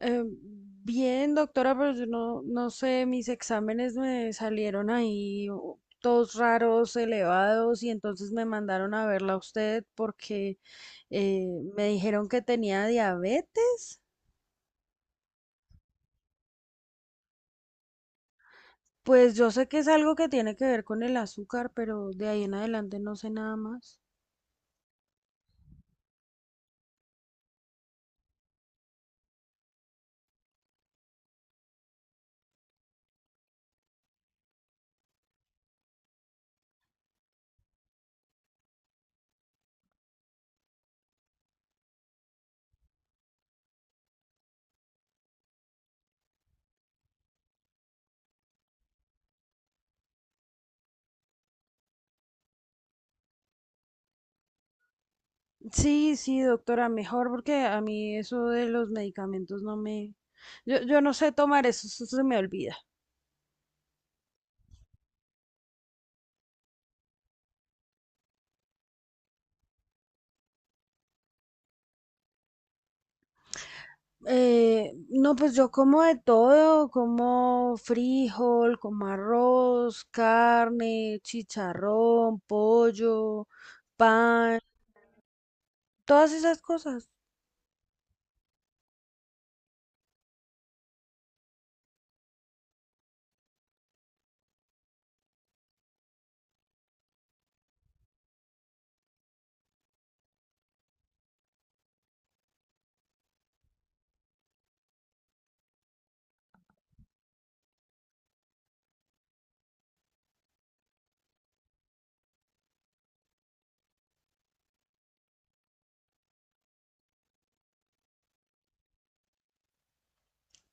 Eh, Bien, doctora, pero yo no sé, mis exámenes me salieron ahí todos raros, elevados, y entonces me mandaron a verla a usted porque eh, me dijeron que tenía diabetes. Pues yo sé que es algo que tiene que ver con el azúcar, pero de ahí en adelante no sé nada más. Sí, sí, doctora, mejor porque a mí eso de los medicamentos no me... Yo no sé tomar eso, eso se me olvida. No, pues yo como de todo, como frijol, como arroz, carne, chicharrón, pollo, pan, todas esas cosas.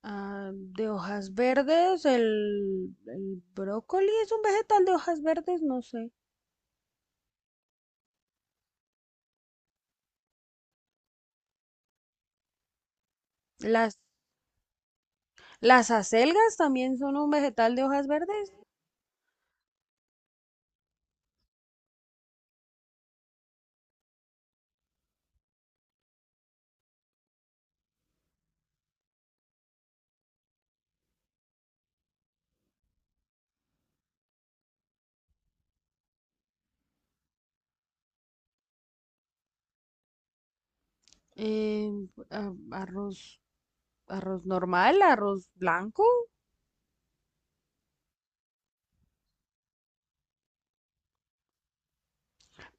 Ah, de hojas verdes, el brócoli es un vegetal de hojas verdes, no sé. Las, las acelgas también son un vegetal de hojas verdes. Eh, arroz, arroz normal, arroz blanco.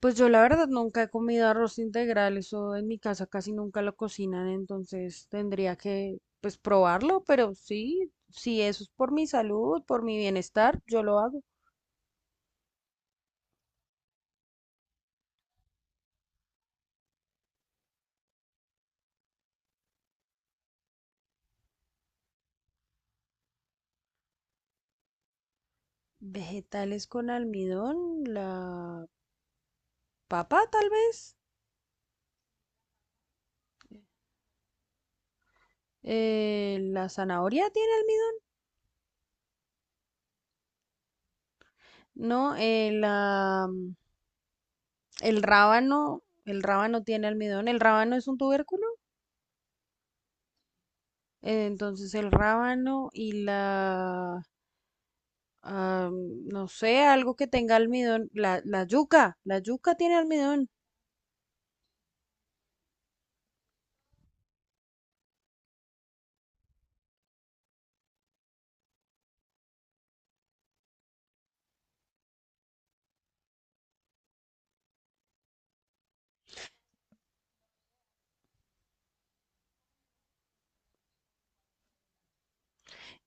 Pues yo la verdad nunca he comido arroz integral, eso en mi casa casi nunca lo cocinan, entonces tendría que pues probarlo, pero sí, si eso es por mi salud, por mi bienestar, yo lo hago. Vegetales con almidón, la papa tal vez, la zanahoria tiene almidón, no, el rábano tiene almidón, el rábano es un tubérculo, entonces el rábano y la ah, no sé, algo que tenga almidón, la yuca tiene almidón.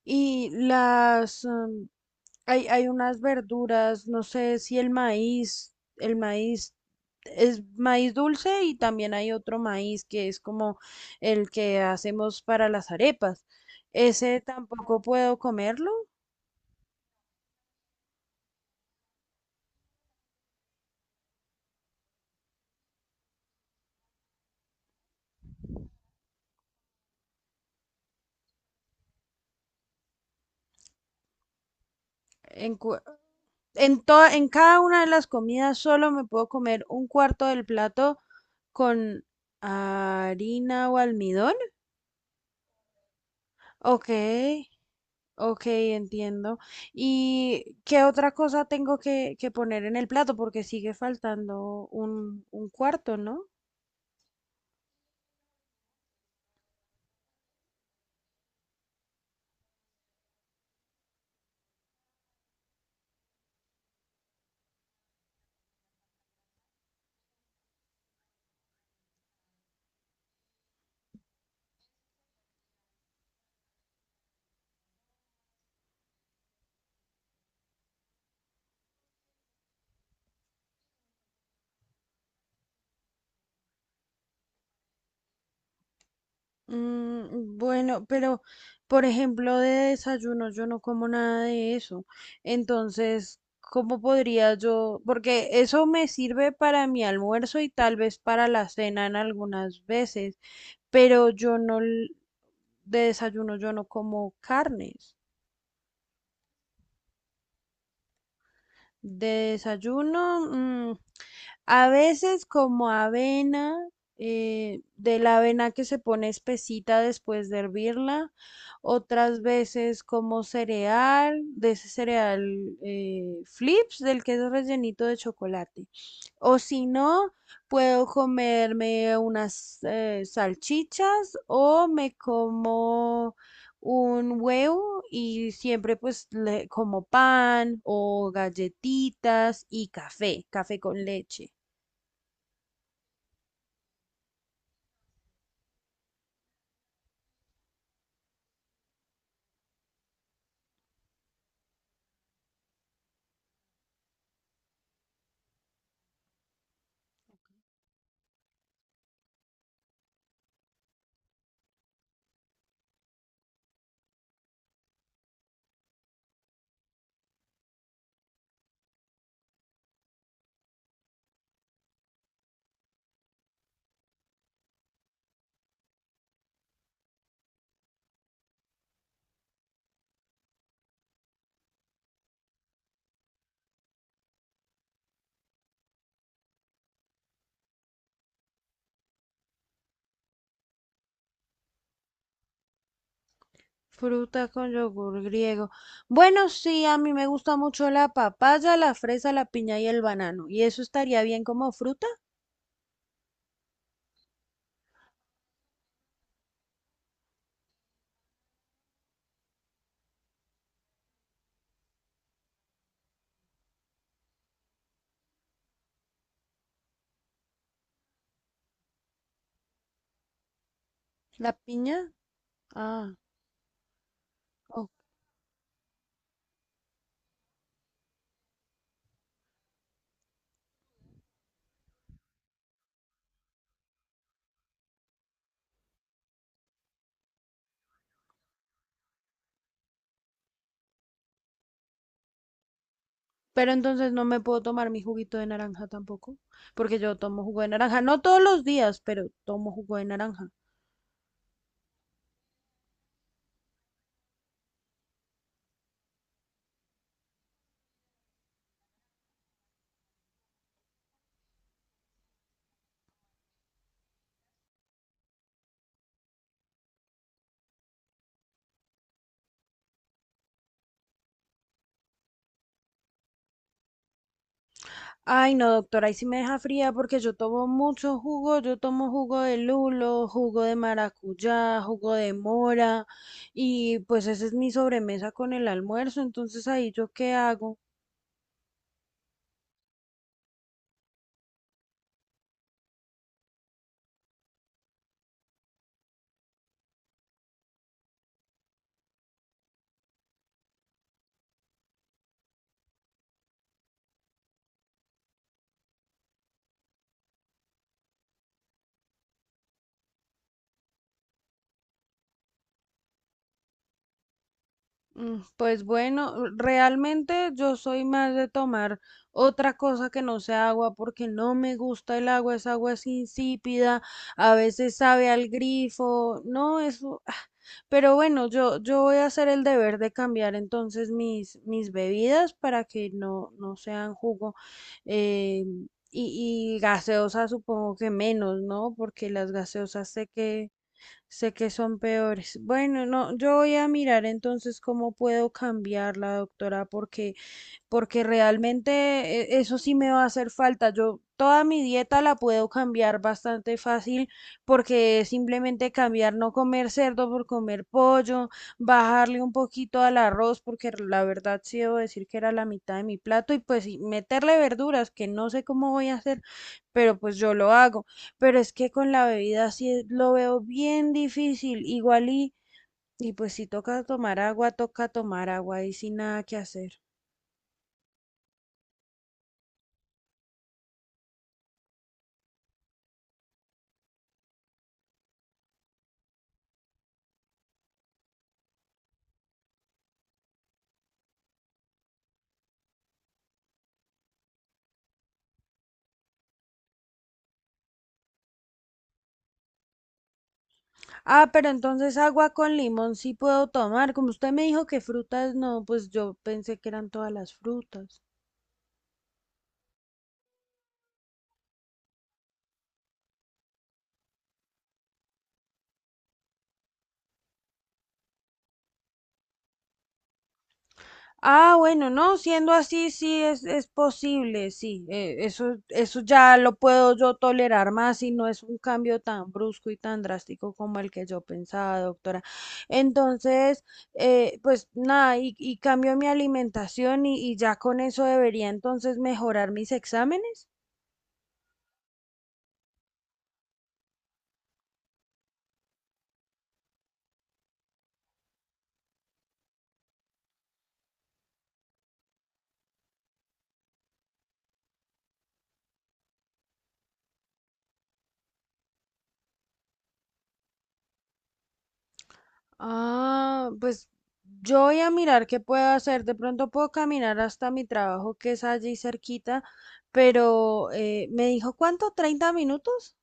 Y hay unas verduras, no sé si el maíz, el maíz es maíz dulce y también hay otro maíz que es como el que hacemos para las arepas. Ese tampoco puedo comerlo. En, cua- en, toda, en cada una de las comidas solo me puedo comer un cuarto del plato con harina o almidón. Ok, ok, entiendo. ¿Y qué otra cosa tengo que poner en el plato? Porque sigue faltando un cuarto, ¿no? Bueno, pero por ejemplo de desayuno yo no como nada de eso. Entonces, ¿cómo podría yo? Porque eso me sirve para mi almuerzo y tal vez para la cena en algunas veces, pero yo no, l- de desayuno yo no como carnes. De desayuno, mm, a veces como avena, de la avena que se pone espesita después de hervirla, otras veces como cereal, de ese cereal flips, del que es rellenito de chocolate. O si no, puedo comerme unas salchichas o me como un huevo y siempre pues le como pan o galletitas y café, café con leche. Fruta con yogur griego. Bueno, sí, a mí me gusta mucho la papaya, la fresa, la piña y el banano. ¿Y eso estaría bien como fruta? ¿La piña? Ah, oh. Pero entonces no me puedo tomar mi juguito de naranja tampoco, porque yo tomo jugo de naranja, no todos los días, pero tomo jugo de naranja. Ay, no, doctora, ahí sí me deja fría porque yo tomo mucho jugo. Yo tomo jugo de lulo, jugo de maracuyá, jugo de mora y pues esa es mi sobremesa con el almuerzo. Entonces, ¿ahí yo qué hago? Pues bueno, realmente yo soy más de tomar otra cosa que no sea agua porque no me gusta el agua, esa agua es insípida, a veces sabe al grifo, no, eso. Pero bueno, yo voy a hacer el deber de cambiar entonces mis bebidas para que no sean jugo, eh, y gaseosa supongo que menos, ¿no? Porque las gaseosas sé que sé que son peores. Bueno, no, yo voy a mirar entonces cómo puedo cambiarla, doctora, porque, porque realmente eso sí me va a hacer falta. Yo toda mi dieta la puedo cambiar bastante fácil porque es simplemente cambiar, no comer cerdo por comer pollo, bajarle un poquito al arroz, porque la verdad sí debo decir que era la mitad de mi plato, y pues y meterle verduras, que no sé cómo voy a hacer, pero pues yo lo hago. Pero es que con la bebida sí es- lo veo bien difícil, igual y pues si toca tomar agua, toca tomar agua y sin nada que hacer. Ah, pero entonces agua con limón sí puedo tomar. Como usted me dijo que frutas no, pues yo pensé que eran todas las frutas. Ah, bueno, no, siendo así, es posible, sí, eso ya lo puedo yo tolerar más y no es un cambio tan brusco y tan drástico como el que yo pensaba, doctora. Entonces, pues nada, y cambio mi alimentación y ya con eso debería entonces mejorar mis exámenes. Ah, pues yo voy a mirar qué puedo hacer. De pronto puedo caminar hasta mi trabajo que es allí cerquita, pero me dijo, ¿cuánto? ¿30 minutos?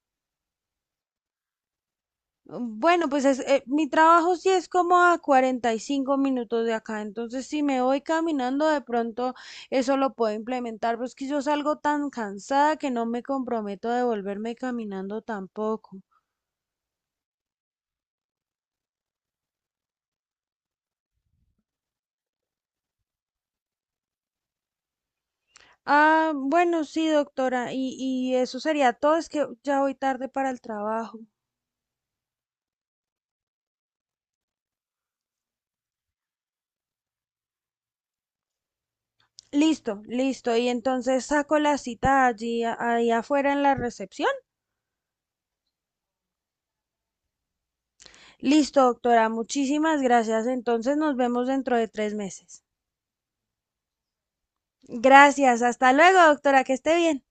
Bueno, pues es, mi trabajo sí es como a 45 minutos de acá, entonces si me voy caminando de pronto eso lo puedo implementar, pues que yo salgo tan cansada que no me comprometo a devolverme caminando tampoco. Ah, bueno, sí, doctora, y eso sería todo, es que ya voy tarde para el trabajo. Listo, listo, y entonces saco la cita allí, ahí afuera en la recepción. Listo, doctora, muchísimas gracias, entonces nos vemos dentro de 3 meses. Gracias, hasta luego, doctora, que esté bien.